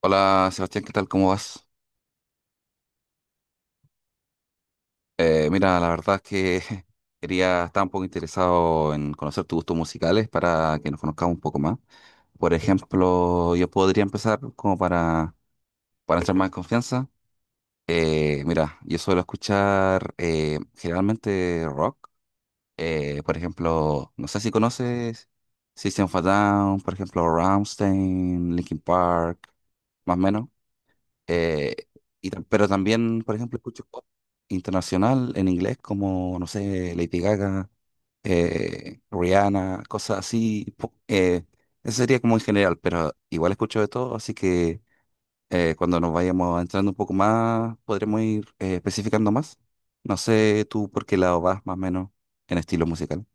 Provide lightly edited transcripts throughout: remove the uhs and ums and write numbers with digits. Hola Sebastián, ¿qué tal? ¿Cómo vas? Mira, la verdad es que quería, estar un poco interesado en conocer tus gustos musicales para que nos conozcamos un poco más. Por ejemplo, yo podría empezar como para entrar más en confianza. Mira, yo suelo escuchar generalmente rock. Por ejemplo, no sé si conoces System of a Down, por ejemplo, Rammstein, Linkin Park, más o menos. Eh, pero también, por ejemplo, escucho pop internacional en inglés como, no sé, Lady Gaga, Rihanna, cosas así. Eso sería como en general, pero igual escucho de todo, así que cuando nos vayamos entrando un poco más, podremos ir especificando más. No sé tú por qué lado vas más o menos en estilo musical.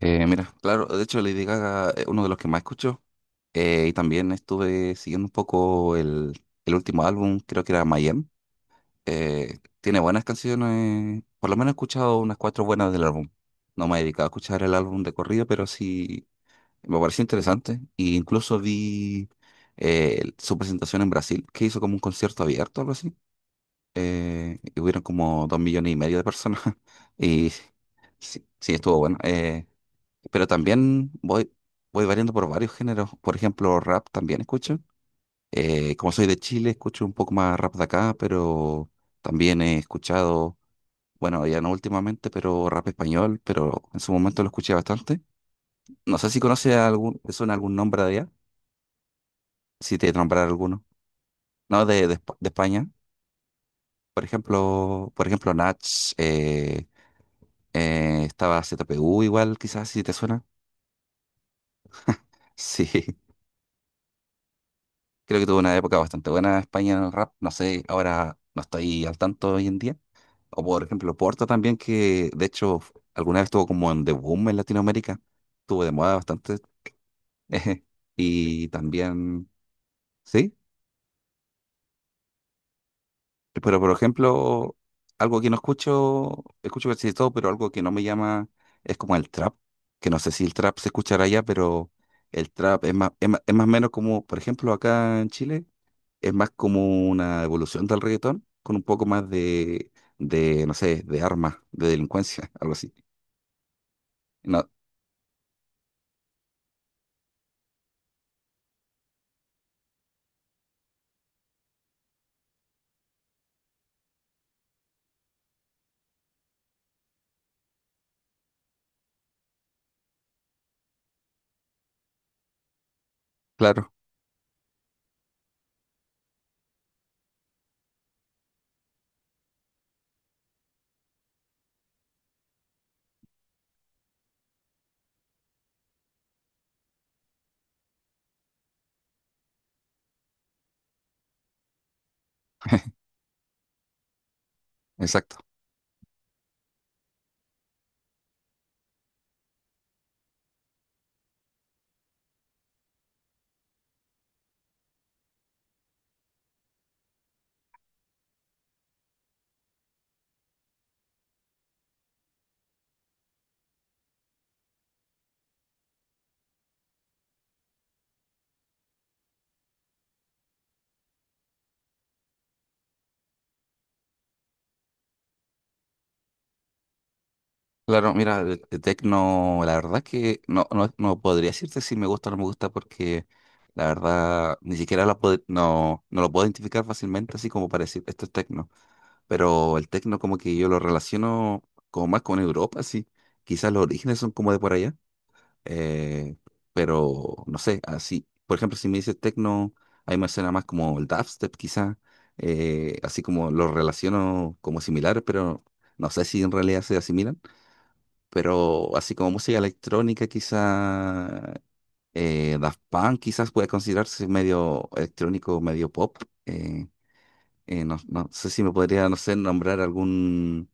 Mira, claro, de hecho Lady Gaga es uno de los que más escucho, y también estuve siguiendo un poco el último álbum, creo que era Mayhem. Tiene buenas canciones. Por lo menos he escuchado unas 4 buenas del álbum. No me he dedicado a escuchar el álbum de corrido, pero sí me pareció interesante. Y incluso vi su presentación en Brasil, que hizo como un concierto abierto, algo así. Y hubieron como 2,5 millones de personas. Y sí, sí estuvo bueno. Pero también voy variando por varios géneros. Por ejemplo, rap también escucho. Como soy de Chile, escucho un poco más rap de acá, pero también he escuchado, bueno, ya no últimamente, pero rap español, pero en su momento lo escuché bastante. No sé si conoce algún, te suena algún nombre de allá, si te nombrar alguno. No, Espa- de España. Por ejemplo, Nach, eh, estaba ZPU igual, quizás, si te suena. Sí, creo que tuvo una época bastante buena España en el rap. No sé, ahora no estoy al tanto hoy en día. O por ejemplo, Porta también, que de hecho alguna vez estuvo como en The Boom en Latinoamérica, estuvo de moda bastante. Y también, sí, pero por ejemplo, algo que no escucho, escucho casi de todo, pero algo que no me llama es como el trap, que no sé si el trap se escuchará allá, pero el trap es más, es más o menos como, por ejemplo, acá en Chile, es más como una evolución del reggaetón, con un poco más de no sé, de armas, de delincuencia, algo así. No, claro. Exacto. Claro, mira, el techno, la verdad que no, no podría decirte si me gusta o no me gusta porque la verdad ni siquiera la no lo puedo identificar fácilmente así como para decir esto es techno. Pero el techno como que yo lo relaciono como más con Europa, así. Quizás los orígenes son como de por allá. eh, pero no sé, así. Por ejemplo, si me dices techno, ahí me suena más como el dubstep quizás. Así como lo relaciono como similar, pero no sé si en realidad se asimilan. Pero así como música electrónica, quizá Daft Punk quizás puede considerarse medio electrónico, medio pop. eh, no sé si me podría, no sé, nombrar algún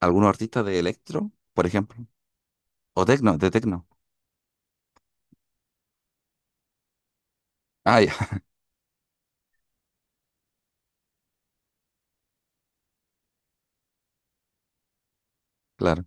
algunos artistas de electro, por ejemplo, o techno, de techno. Ah, ya, claro,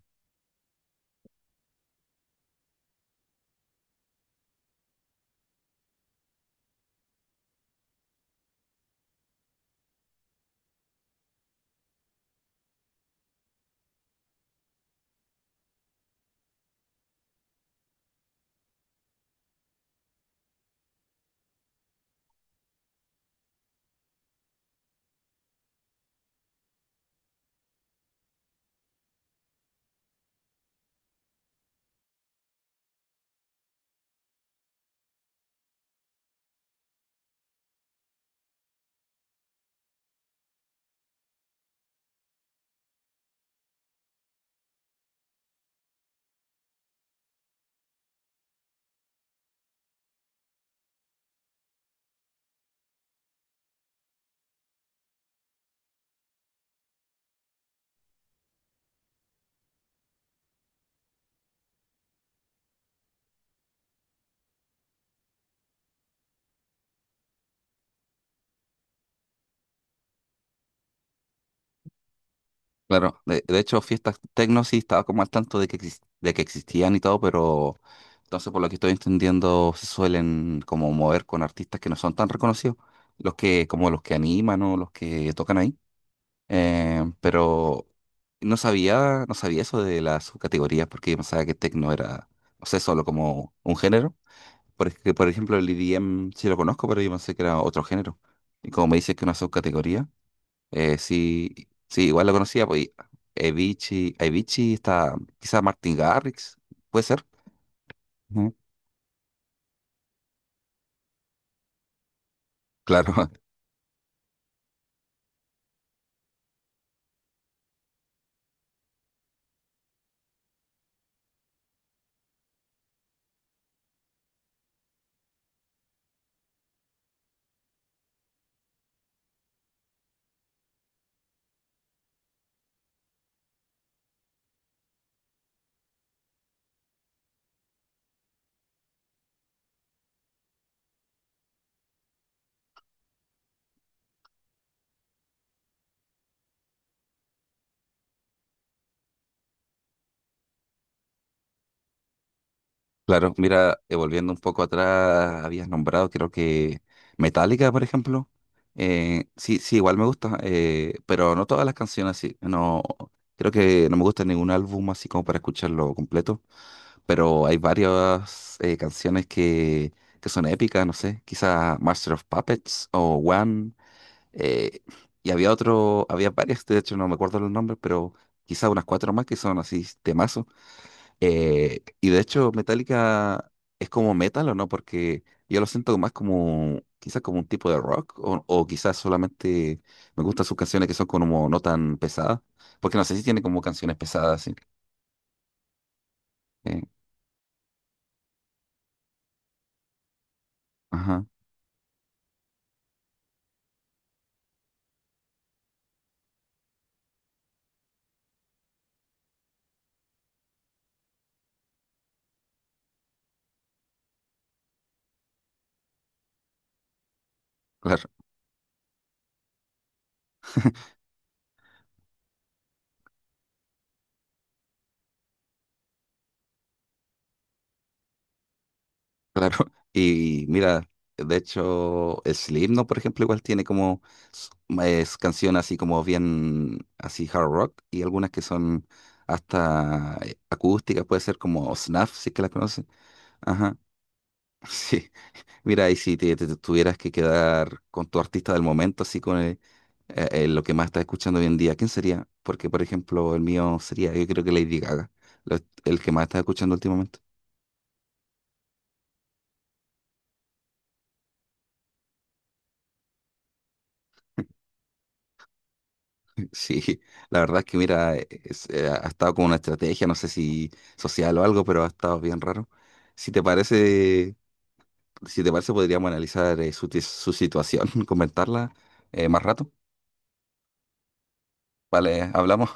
claro. De hecho, fiestas techno sí estaba como al tanto de que de que existían y todo, pero entonces por lo que estoy entendiendo se suelen como mover con artistas que no son tan reconocidos, los que como los que animan o los que tocan ahí. Pero no sabía, no sabía eso de las subcategorías porque yo pensaba que techno era, no sé, solo como un género. Porque, por ejemplo, el EDM sí lo conozco, pero yo pensé que era otro género. Y como me dices que una subcategoría, sí, sí, igual lo conocía, pues Avicii está, quizá Martin Garrix, puede ser. Ujú. Claro, claro, mira, volviendo un poco atrás, habías nombrado, creo que Metallica, por ejemplo. Sí, sí, igual me gusta, pero no todas las canciones, sí. No, creo que no me gusta ningún álbum así como para escucharlo completo, pero hay varias canciones que son épicas, no sé, quizás Master of Puppets o One. eh, y había otro, había varias, de hecho no me acuerdo los nombres, pero quizás unas 4 más que son así temas. Y de hecho, Metallica es como metal o no, porque yo lo siento más como, quizás como un tipo de rock, o quizás solamente me gustan sus canciones que son como no tan pesadas, porque no sé si tiene como canciones pesadas, sí. Eh, ajá, claro, claro. Y mira, de hecho, Slipknot, por ejemplo, igual tiene como s- es canciones así como bien, así hard rock, y algunas que son hasta acústicas, puede ser como Snuff, si es que la conocen. Ajá. Sí, mira, y si te tuvieras que quedar con tu artista del momento, así con lo que más estás escuchando hoy en día, ¿quién sería? Porque, por ejemplo, el mío sería, yo creo que Lady Gaga, lo- el que más estás escuchando últimamente. Sí, la verdad es que, mira, ha estado con una estrategia, no sé si social o algo, pero ha estado bien raro. Si te parece, si te parece, podríamos analizar su situación, comentarla más rato. Vale, hablamos.